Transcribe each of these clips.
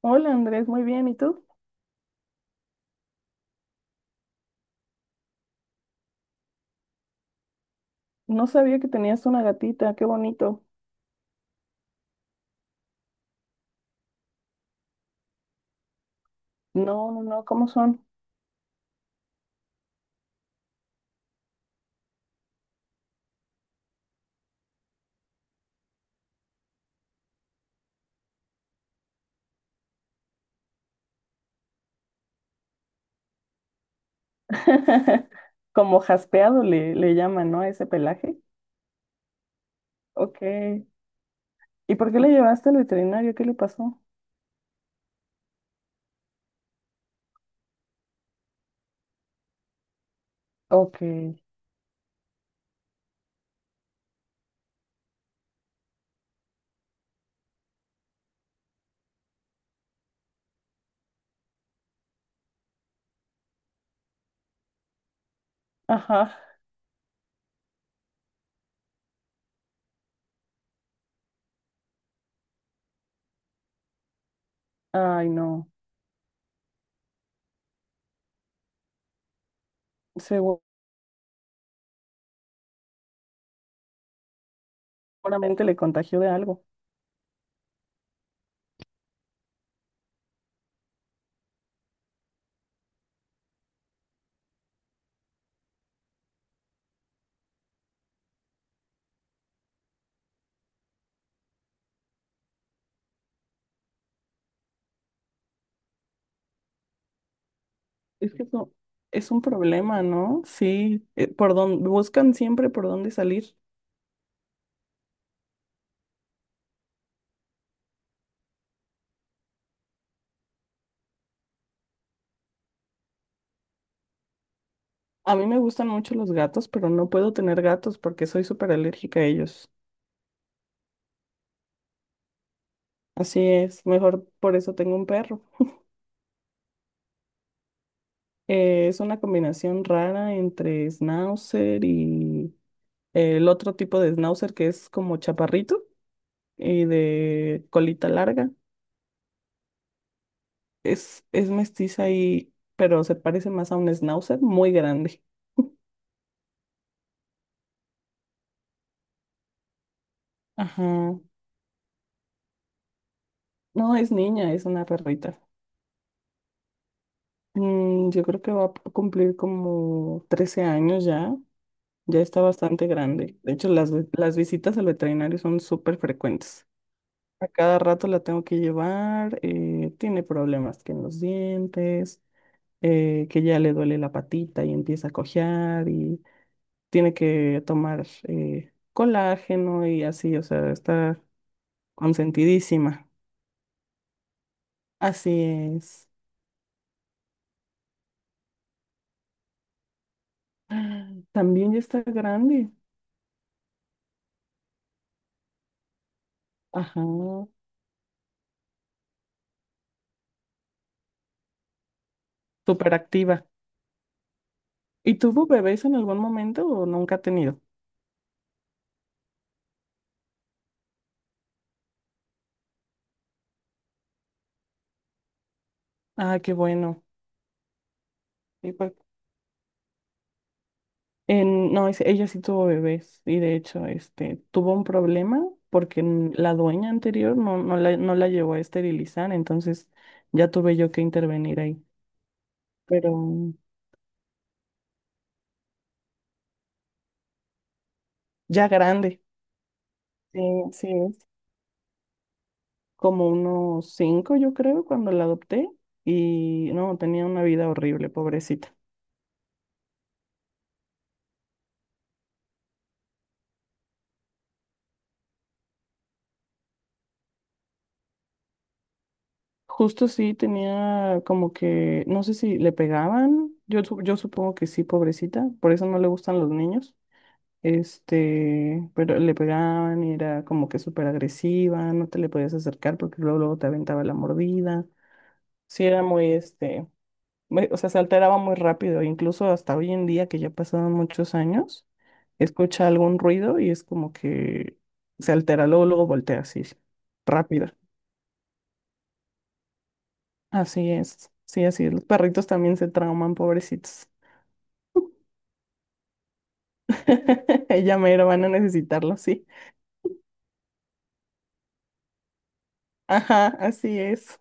Hola Andrés, muy bien. ¿Y tú? No sabía que tenías una gatita, qué bonito. No, no, no, ¿cómo son? Como jaspeado le llaman, ¿no? A ese pelaje. Ok. ¿Y por qué le llevaste al veterinario? ¿Qué le pasó? Ok. Ajá. Ay, no. Seguramente le contagió de algo. Es que eso es un problema, ¿no? Sí. Por dónde, buscan siempre por dónde salir. A mí me gustan mucho los gatos, pero no puedo tener gatos porque soy súper alérgica a ellos. Así es, mejor por eso tengo un perro. Es una combinación rara entre schnauzer y el otro tipo de schnauzer que es como chaparrito y de colita larga. Es mestiza y, pero se parece más a un schnauzer muy grande. Ajá. No, es niña, es una perrita. Yo creo que va a cumplir como 13 años ya. Ya está bastante grande. De hecho, las visitas al veterinario son súper frecuentes. A cada rato la tengo que llevar, tiene problemas que en los dientes, que ya le duele la patita y empieza a cojear y tiene que tomar colágeno y así, o sea, está consentidísima. Así es. También ya está grande. Ajá, súper activa. ¿Y tuvo bebés en algún momento o nunca ha tenido? Ah, qué bueno. ¿Y por- no, ella sí tuvo bebés y de hecho tuvo un problema porque la dueña anterior no, no la llevó a esterilizar, entonces ya tuve yo que intervenir ahí. Pero ya grande, sí, sí es. Como unos cinco, yo creo, cuando la adopté y no, tenía una vida horrible, pobrecita. Justo sí tenía como que, no sé si le pegaban, yo supongo que sí, pobrecita, por eso no le gustan los niños. Pero le pegaban y era como que súper agresiva, no te le podías acercar porque luego, luego te aventaba la mordida. Sí, era o sea, se alteraba muy rápido. Incluso hasta hoy en día, que ya pasaron muchos años, escucha algún ruido y es como que se altera, luego, luego voltea así, rápido. Así es, sí, así es. Los perritos también se trauman, pobrecitos. Ella mero van a necesitarlo, sí. Ajá, así es.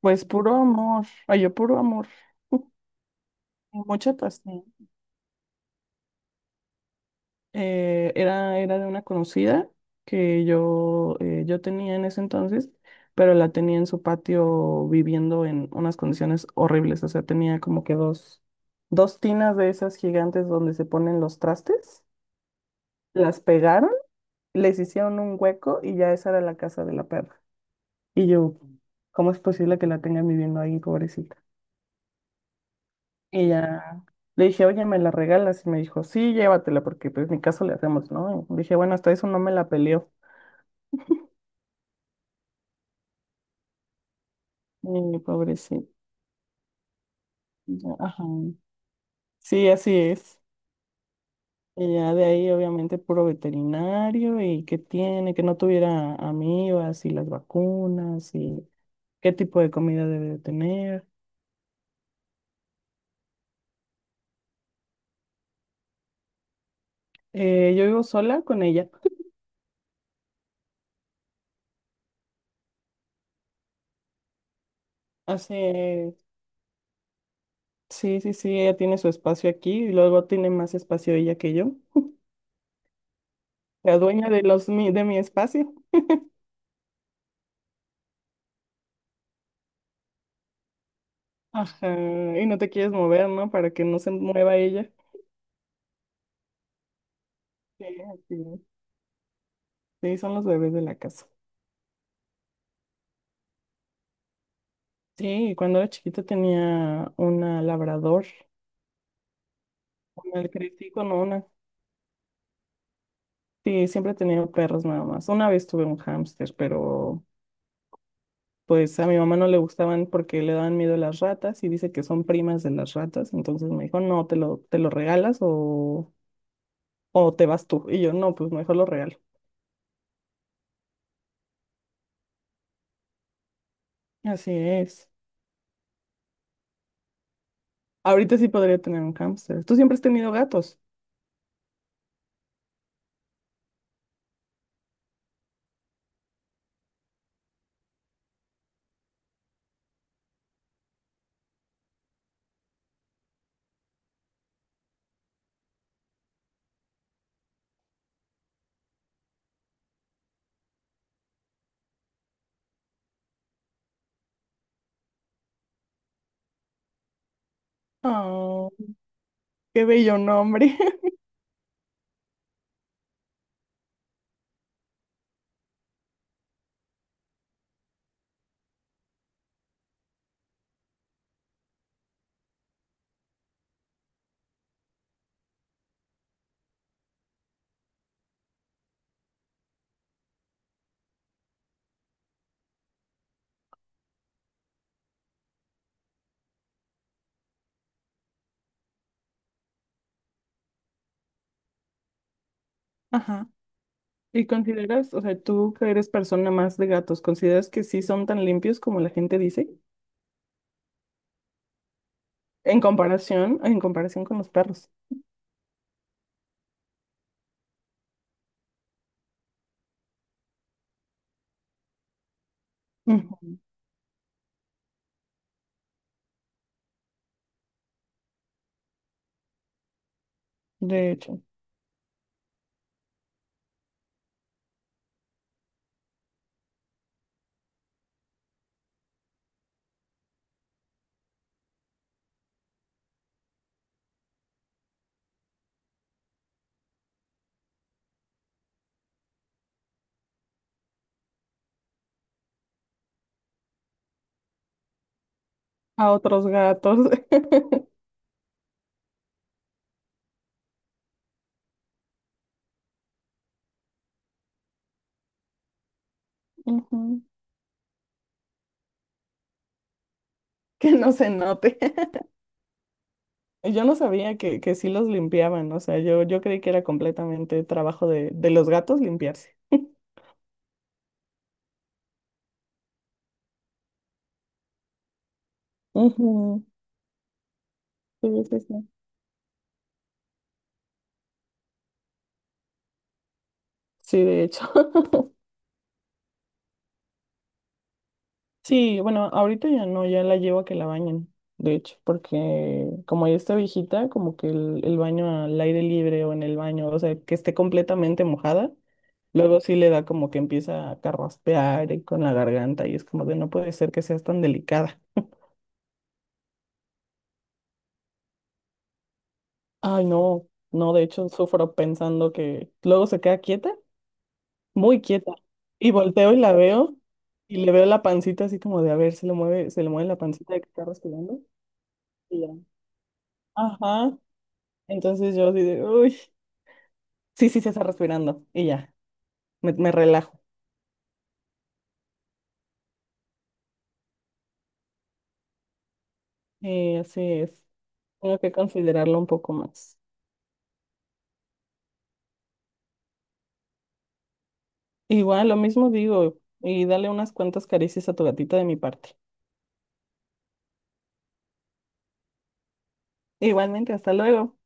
Pues puro amor, ay, yo puro amor, mucha pasión. Era de una conocida que yo tenía en ese entonces, pero la tenía en su patio viviendo en unas condiciones horribles, o sea, tenía como que dos tinas de esas gigantes donde se ponen los trastes, las pegaron, les hicieron un hueco y ya esa era la casa de la perra. Y yo, ¿cómo es posible que la tengan viviendo ahí, pobrecita? Y ya le dije, oye, ¿me la regalas? Y me dijo, sí, llévatela, porque pues mi caso le hacemos, ¿no? Y dije, bueno, hasta eso no me la peleó. Y pobrecito. Y ya, ajá. Sí, así es. Y ya de ahí, obviamente, puro veterinario y qué tiene, que no tuviera amibas y las vacunas y qué tipo de comida debe de tener. Yo vivo sola con ella. Hace, sí, sí, sí, ella tiene su espacio aquí y luego tiene más espacio ella que yo. La dueña de de mi espacio. Ajá, y no te quieres mover, ¿no? Para que no se mueva ella. Sí, así. Sí, son los bebés de la casa. Sí, y cuando era chiquita tenía una labrador, una crecí con una. Sí, siempre he tenido perros nada más. Una vez tuve un hámster, pero pues a mi mamá no le gustaban porque le daban miedo las ratas y dice que son primas de las ratas. Entonces me dijo, no, te lo regalas o te vas tú. Y yo, no, pues mejor lo regalo. Así es. Ahorita sí podría tener un hámster. ¿Tú siempre has tenido gatos? Oh, qué bello nombre. Ajá. ¿Y consideras, o sea, tú que eres persona más de gatos, consideras que sí son tan limpios como la gente dice? En comparación con los perros. Ujú, de hecho, a otros gatos. Ujú, que no se note. Yo no sabía que sí los limpiaban, o sea, yo creí que era completamente trabajo de los gatos limpiarse. Ujú, sí, sí, sí. Sí, de hecho. Sí, bueno, ahorita ya no, ya la llevo a que la bañen, de hecho, porque como ya está viejita, como que el baño al aire libre o en el baño, o sea, que esté completamente mojada, luego sí le da como que empieza a carraspear y con la garganta y es como de no puede ser que seas tan delicada. Ay, no, no, de hecho sufro pensando que luego se queda quieta, muy quieta, y volteo y la veo y le veo la pancita así como de a ver, se le mueve la pancita de que está respirando y ya. Ajá, entonces yo así de, uy, sí, sí se está respirando y ya, me relajo. Y así es, tengo que considerarlo un poco más. Igual, lo mismo digo, y dale unas cuantas caricias a tu gatita de mi parte. Igualmente, hasta luego.